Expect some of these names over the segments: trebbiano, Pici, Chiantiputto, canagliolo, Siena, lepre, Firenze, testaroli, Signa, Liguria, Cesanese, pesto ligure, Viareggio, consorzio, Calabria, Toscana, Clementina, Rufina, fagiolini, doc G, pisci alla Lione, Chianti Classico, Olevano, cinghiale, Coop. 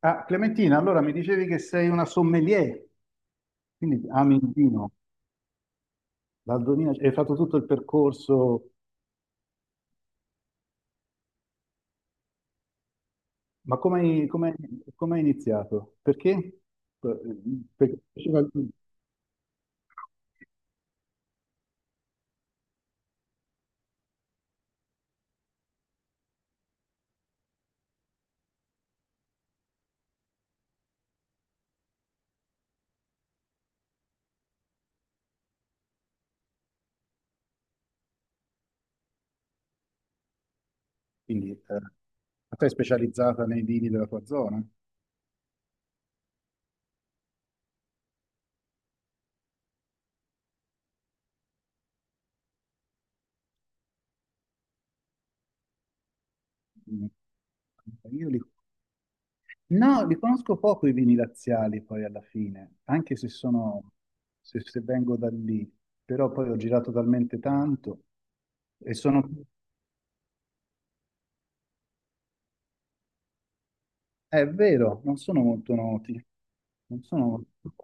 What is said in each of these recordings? Ah, Clementina, allora mi dicevi che sei una sommelier, quindi ami il vino, dal 2000, hai fatto tutto il percorso, ma come hai iniziato? Perché? Per- Perché ti piaceva il vino, quindi ma sei specializzata nei vini della tua zona? Mm. Io li, no, li conosco poco i vini laziali poi alla fine, anche se se vengo da lì, però poi ho girato talmente tanto e sono... È vero, non sono molto noti. Non sono molto-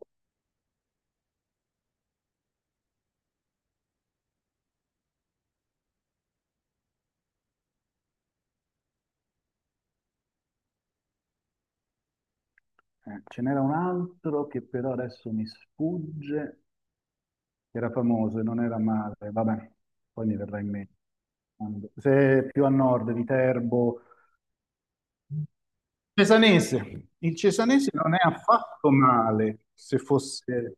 Ce n'era un altro che però adesso mi sfugge, che era famoso e non era male. Vabbè, poi mi verrà in mente. Se è più a nord di Terbo, Cesanese. Il Cesanese non è affatto male, se fosse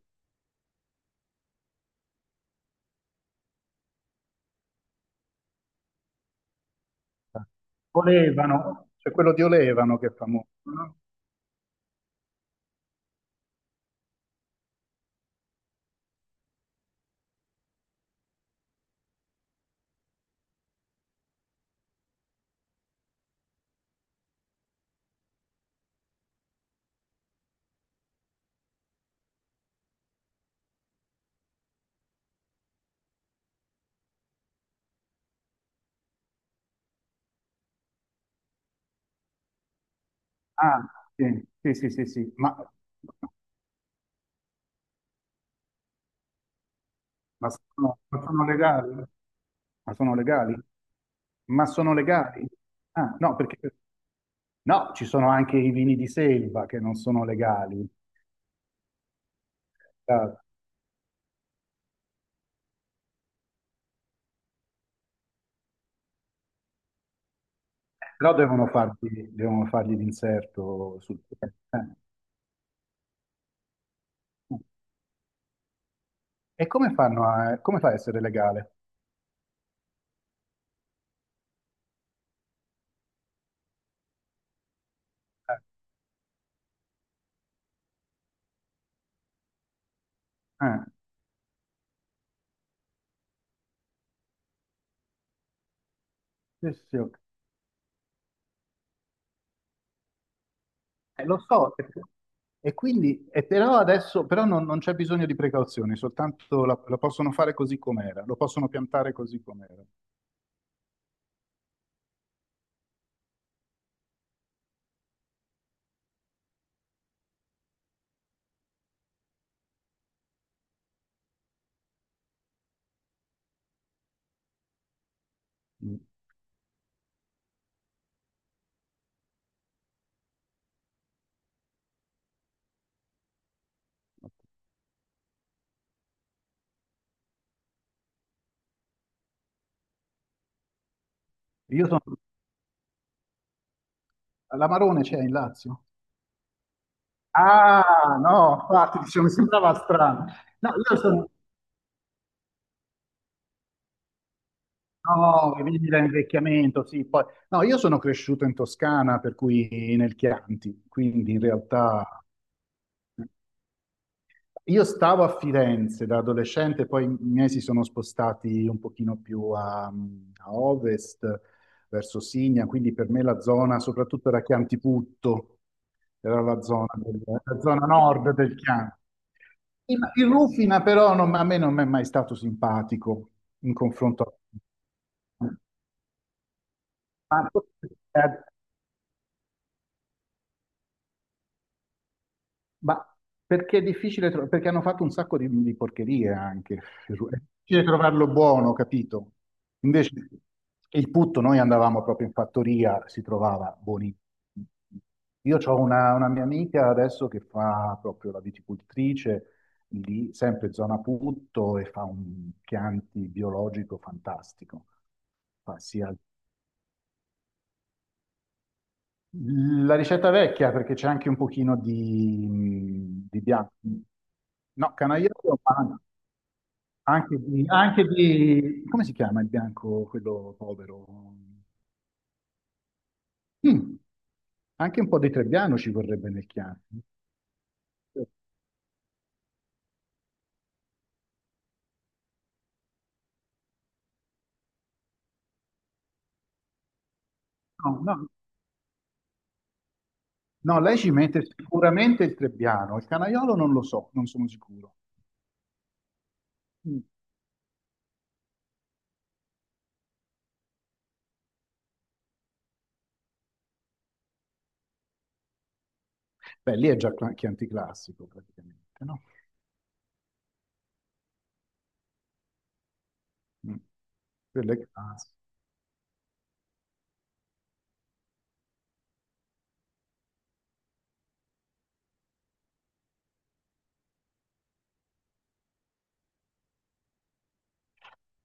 Olevano, c'è quello di Olevano che è famoso, no? Ah, sì, sì, sì, sì, sì. Ma sono legali? Ma sono legali? Ma sono legali? Ah, no, perché no, ci sono anche i vini di selva che non sono legali, ah, però devono fargli l'inserto sul.... E come fa a essere legale? Eh, eh, sì, sì, sì, ok. Lo so, e però adesso però non, non c'è bisogno di precauzioni, soltanto la possono fare così com'era, lo possono piantare così com'era. Mm. Io sono... L'amarone c'è in Lazio? Ah, no, infatti, dicevo, mi sembrava strano. No, io sono... No, che vivi da invecchiamento, sì. Poi... No, io sono cresciuto in Toscana, per cui nel Chianti, quindi in realtà... Io stavo a Firenze da adolescente, poi i miei si sono spostati un pochino più a ovest, verso Signa, quindi per me la zona soprattutto era Chiantiputto, era la zona nord del Chianti. Il Rufina però non- a me non è mai stato simpatico in confronto a... Ma- Ma perché è difficile trovare, perché hanno fatto un sacco di porcherie anche. È difficile trovarlo buono, capito? Invece il putto, noi andavamo proprio in fattoria, si trovava buonissimo. Io ho una mia amica adesso che fa proprio la viticoltrice, lì, sempre zona putto, e fa un Chianti biologico fantastico. Fa sia La ricetta vecchia, perché c'è anche un pochino di bianco. No, canagliolo, ma anche di... Come si chiama il bianco, quello povero? Mm, anche un po' di trebbiano ci vorrebbe nel chianto. No, no, no, lei ci mette sicuramente il trebbiano, il canaiolo non lo so, non sono sicuro. Mm. Beh, lì è già chianti classico praticamente, no? Mm. Quello è classico.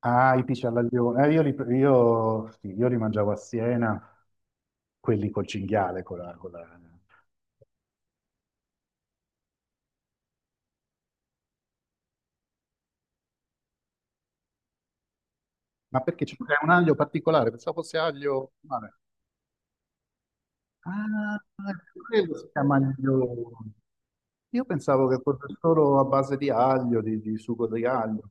Ah, i pisci alla Lione. Io li mangiavo a Siena. Quelli col cinghiale, ma perché c'è pure un aglio particolare? Pensavo fosse aglio... Vabbè. Ah, quello si chiama aglio... Io pensavo che fosse solo a base di aglio, di sugo di aglio.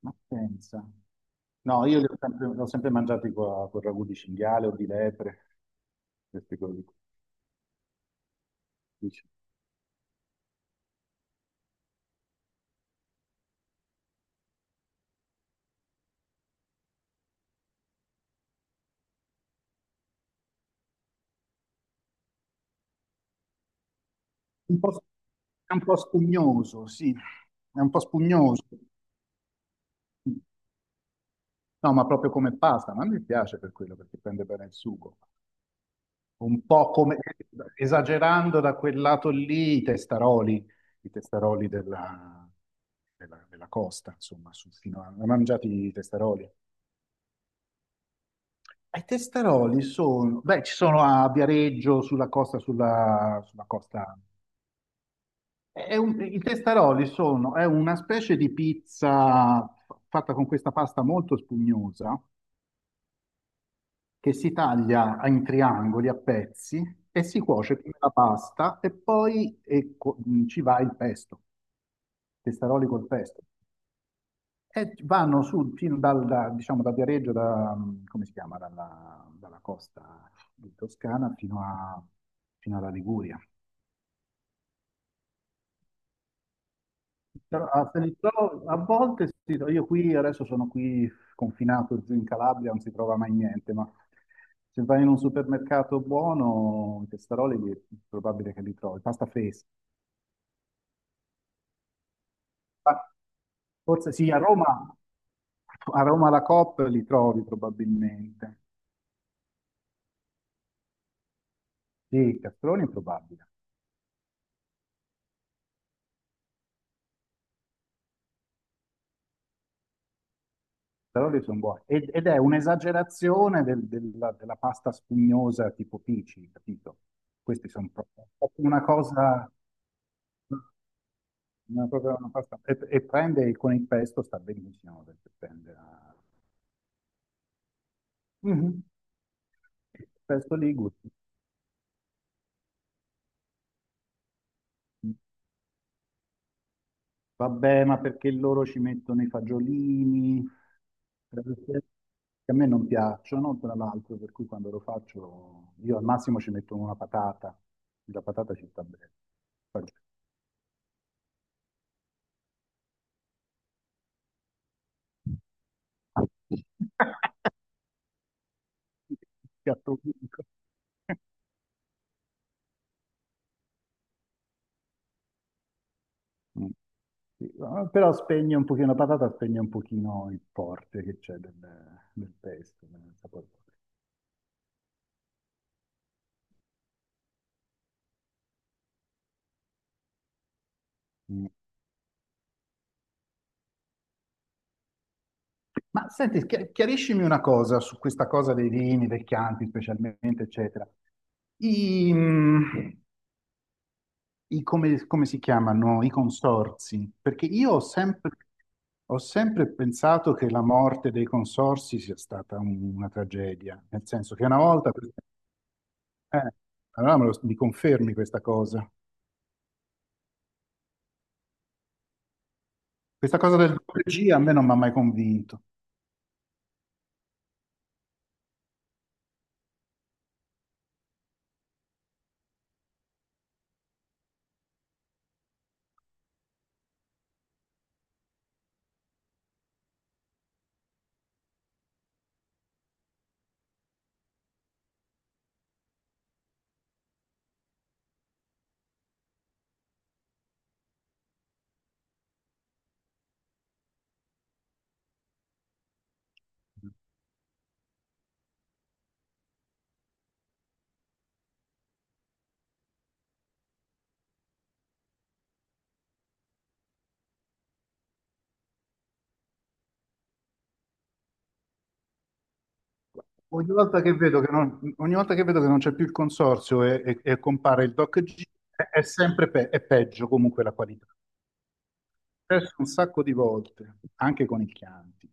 Ma pensa. No, io li ho sempre mangiati con ragù di cinghiale o di lepre. Queste cose qui. Dice. Un po', è un po' spugnoso, sì. È un po' spugnoso. No, ma proprio come pasta, ma a me piace per quello, perché prende bene il sugo. Un po' come esagerando da quel lato lì, i testaroli della costa, insomma, fino a, mangiati i testaroli. I testaroli sono, beh, ci sono a Viareggio, sulla costa, sulla costa. I testaroli sono, è una specie di pizza fatta con questa pasta molto spugnosa che si taglia in triangoli a pezzi e si cuoce come la pasta e poi ci va il pesto, testaroli col pesto. E vanno su, diciamo, da Viareggio, da, come si chiama, dalla costa di Toscana fino alla Liguria. Però a volte sì, io qui adesso sono qui confinato giù in Calabria, non si trova mai niente, ma se vai in un supermercato buono, i testaroli è probabile che li trovi, pasta fresca. Ma Forse sì, a Roma la Coop li trovi probabilmente. Sì, i castroni è probabile, testaroli sono buoni. Ed è un'esagerazione della pasta spugnosa tipo Pici, capito? Questi sono proprio proprio una cosa... Una cosa, una e prende con il pesto, sta benissimo perché prende la... Mhm. Il pesto ligure. Vabbè, ma perché loro ci mettono i fagiolini, che a me non piacciono, tra l'altro, per cui quando lo faccio io al massimo ci metto una patata, la patata ci sta bene. Fagiolini. Piatto unico. Sì, no, però spegne un pochino la patata, spegne un pochino il forte che c'è del pesto. Del sapore. Mm. Ma senti, chiariscimi una cosa su questa cosa dei vini, dei chianti specialmente, eccetera. I, mm, come, come si chiamano? I consorzi? Perché ho sempre pensato che la morte dei consorzi sia stata una tragedia, nel senso che una volta... eh, allora mi confermi questa cosa? Questa cosa del 2G a me non mi ha mai convinto. Ogni volta che vedo che non, ogni volta che vedo che non c'è più il consorzio e compare il doc G, è sempre è peggio comunque la qualità. Adesso un sacco di volte, anche con i Chianti.